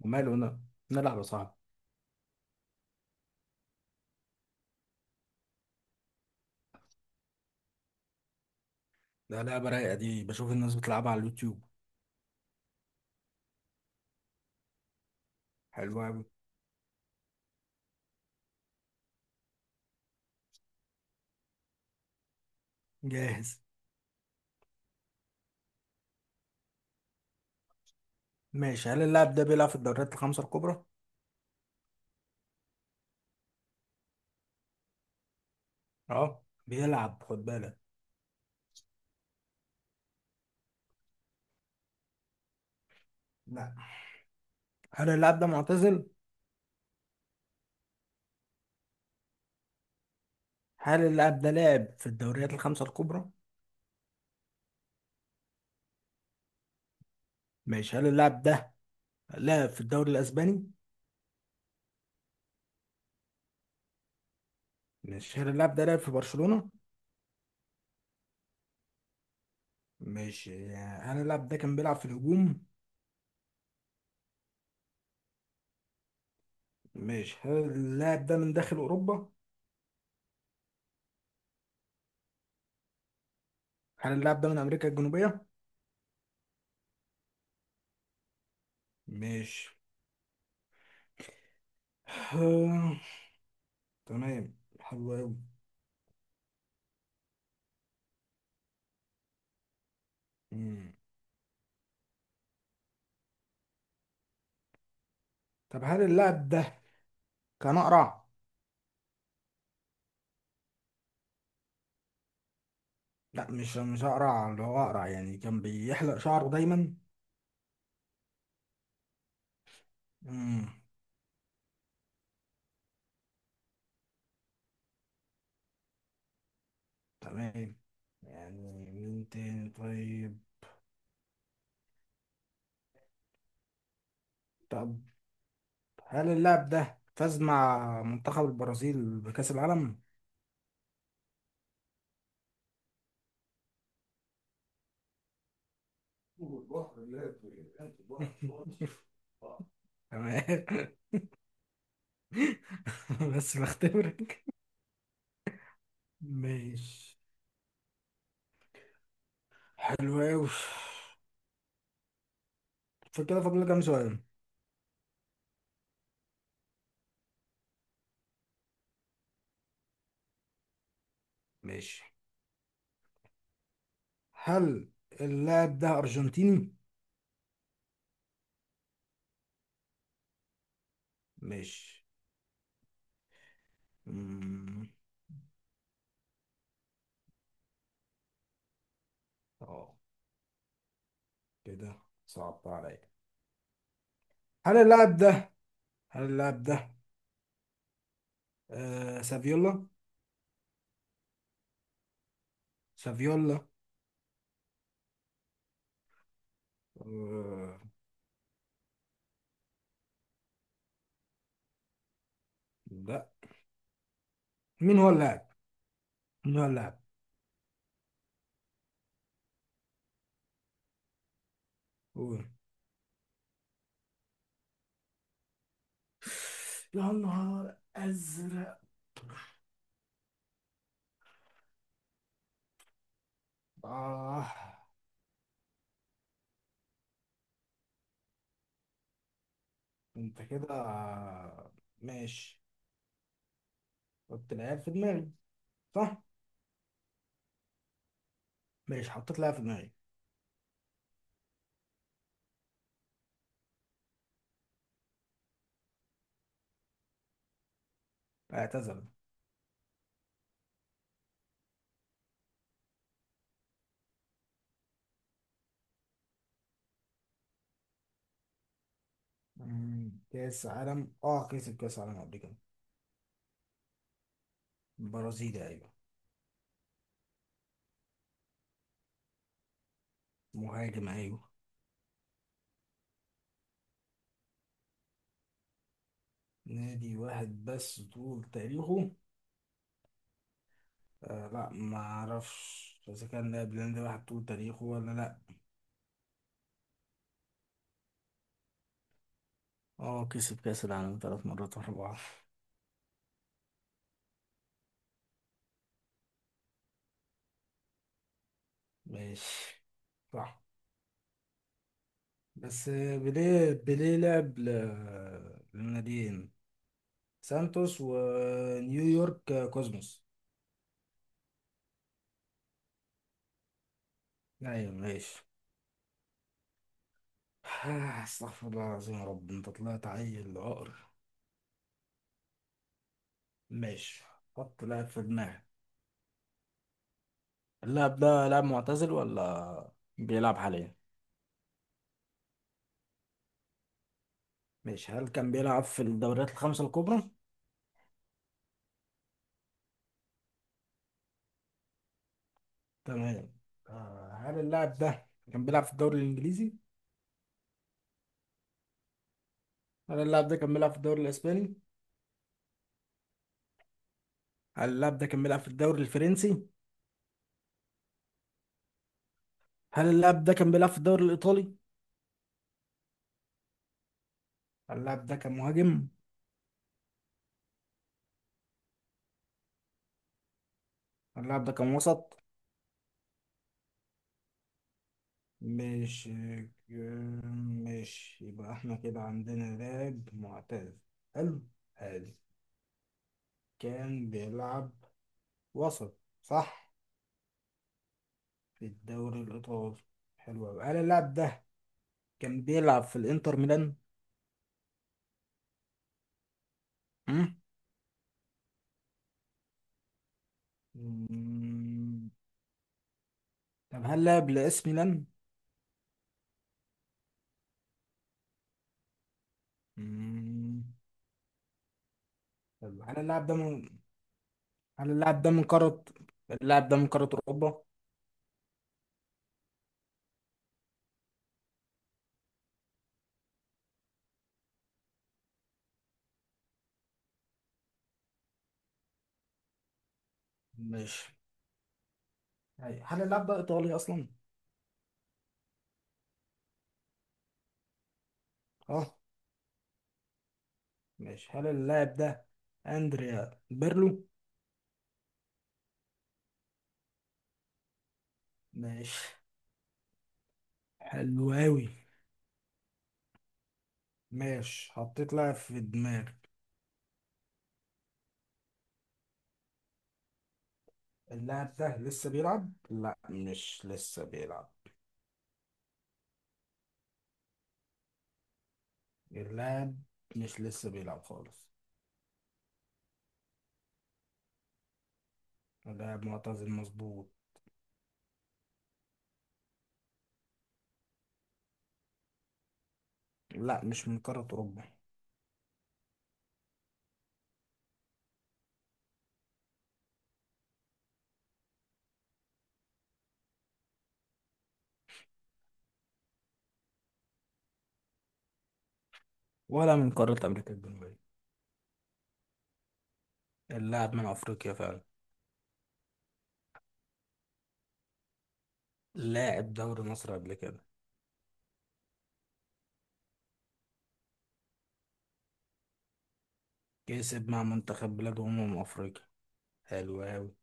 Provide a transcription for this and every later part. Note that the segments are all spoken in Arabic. وماله، انا نلعب يا صاحبي. ده لعبة رايقة دي، بشوف الناس بتلعبها على اليوتيوب. حلوة أوي. جاهز. ماشي، هل اللاعب ده بيلعب في الدوريات الخمسة الكبرى؟ اه بيلعب، خد بالك. لا. هل اللاعب ده معتزل؟ هل اللاعب ده لاعب في الدوريات الخمسة الكبرى؟ ماشي، هل اللاعب ده لاعب في الدوري الأسباني؟ ماشي، هل اللاعب ده لاعب في برشلونة؟ ماشي، هل اللاعب ده كان بيلعب في الهجوم؟ ماشي، هل اللاعب ده من داخل أوروبا؟ هل اللاعب ده من أمريكا الجنوبية؟ ماشي. تمام. حلو أوي. مم. طب هل اللاعب ده كان أقرع؟ لا، مش أقرع، اللي هو أقرع يعني كان بيحلق شعره دايما. مم. تمام. يعني مين تاني طيب؟ طب هل اللاعب ده فاز مع منتخب البرازيل بكأس العالم؟ تمام. بس بختبرك. ماشي، حلو أوي. فكده فاضل لي كام سؤال؟ ماشي، هل اللاعب ده أرجنتيني؟ مش مم. اه، كده صعبت عليا. هل اللاعب ده هل اللاعب ده سافيولا؟ سافيولا. آه لا. مين هو اللاعب؟ مين هو اللاعب؟ قول. يا نهار أزرق. آه. أنت كده، ماشي. حط لاعب في دماغي، صح؟ ماشي، حطيت لاعب في دماغي. اعتزل. كأس عالم، اه كسب كأس عالم قبل كده. برازيلي، أيوه. مهاجم، أيوه. نادي واحد بس طول تاريخه. آه لا، ما أعرفش إذا كان لاعب نادي واحد طول تاريخه ولا لأ. اه كسب كأس العالم ثلاث مرات ورا بعض. ماشي، صح. بس، بيليه لعب للناديين. سانتوس ونيويورك، كوزموس. أيوه ماشي. استغفر الله العظيم يا رب، انت طلعت عيل عقر. ماشي، حط لاعب في دماغك. اللاعب ده لاعب معتزل ولا بيلعب حاليا؟ ماشي، هل كان بيلعب في الدوريات الخمسة الكبرى؟ تمام. هل اللاعب ده كان بيلعب في الدوري الإنجليزي؟ هل اللاعب ده كان بيلعب في الدوري الإسباني؟ هل اللاعب ده كان بيلعب في الدوري الفرنسي؟ هل اللاعب ده كان بيلعب في الدوري الإيطالي؟ هل اللاعب ده كان مهاجم؟ هل اللاعب ده كان وسط؟ مش مش يبقى احنا كده عندنا لاعب معتزل. حلو، حلو. كان بيلعب وسط، صح، في الدوري الإيطالي. حلو أوي، هل اللاعب ده كان بيلعب في الإنتر ميلان؟ مم. مم. طب هل لعب لإس ميلان؟ مم. طب هل اللاعب ده من هل اللاعب ده من قارة اللاعب ده من قارة أوروبا؟ ماشي. هل اللاعب ده إيطالي أصلا؟ أه. ماشي، هل اللاعب ده أندريا بيرلو؟ ماشي، حلو أوي. ماشي، حطيت لاعب في دماغي. اللاعب ده لسه بيلعب؟ لا، مش لسه بيلعب. اللاعب مش لسه بيلعب خالص. اللاعب معتزل، مظبوط. لا، مش من قارة أوروبا. ولا من قارة أمريكا الجنوبية. اللاعب من أفريقيا فعلا. لاعب دوري مصر قبل كده. كسب مع منتخب بلاد أمم أفريقيا. حلو أوي.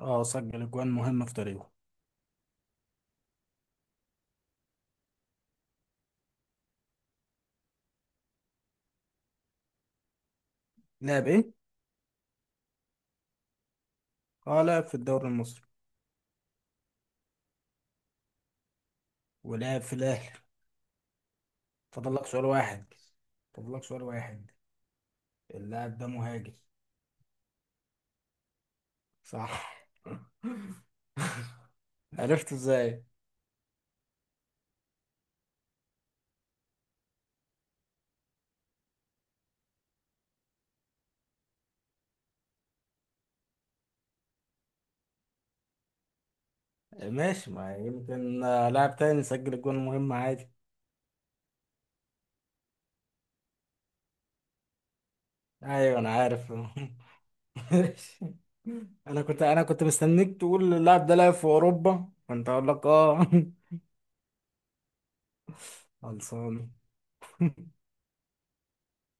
اه سجل أجوان مهمة في تاريخه. لاعب إيه؟ اه لاعب في الدوري المصري. ولعب في الأهلي. فاضل لك سؤال واحد. فاضل لك سؤال واحد. اللاعب ده مهاجم. صح. عرفت ازاي؟ ماشي، ما يمكن لاعب تاني يسجل الجون المهم، عادي. ايوه انا عارف. ماشي. انا كنت مستنيك تقول اللاعب ده لعب في اوروبا، فانت اقول لك اه. خلصان.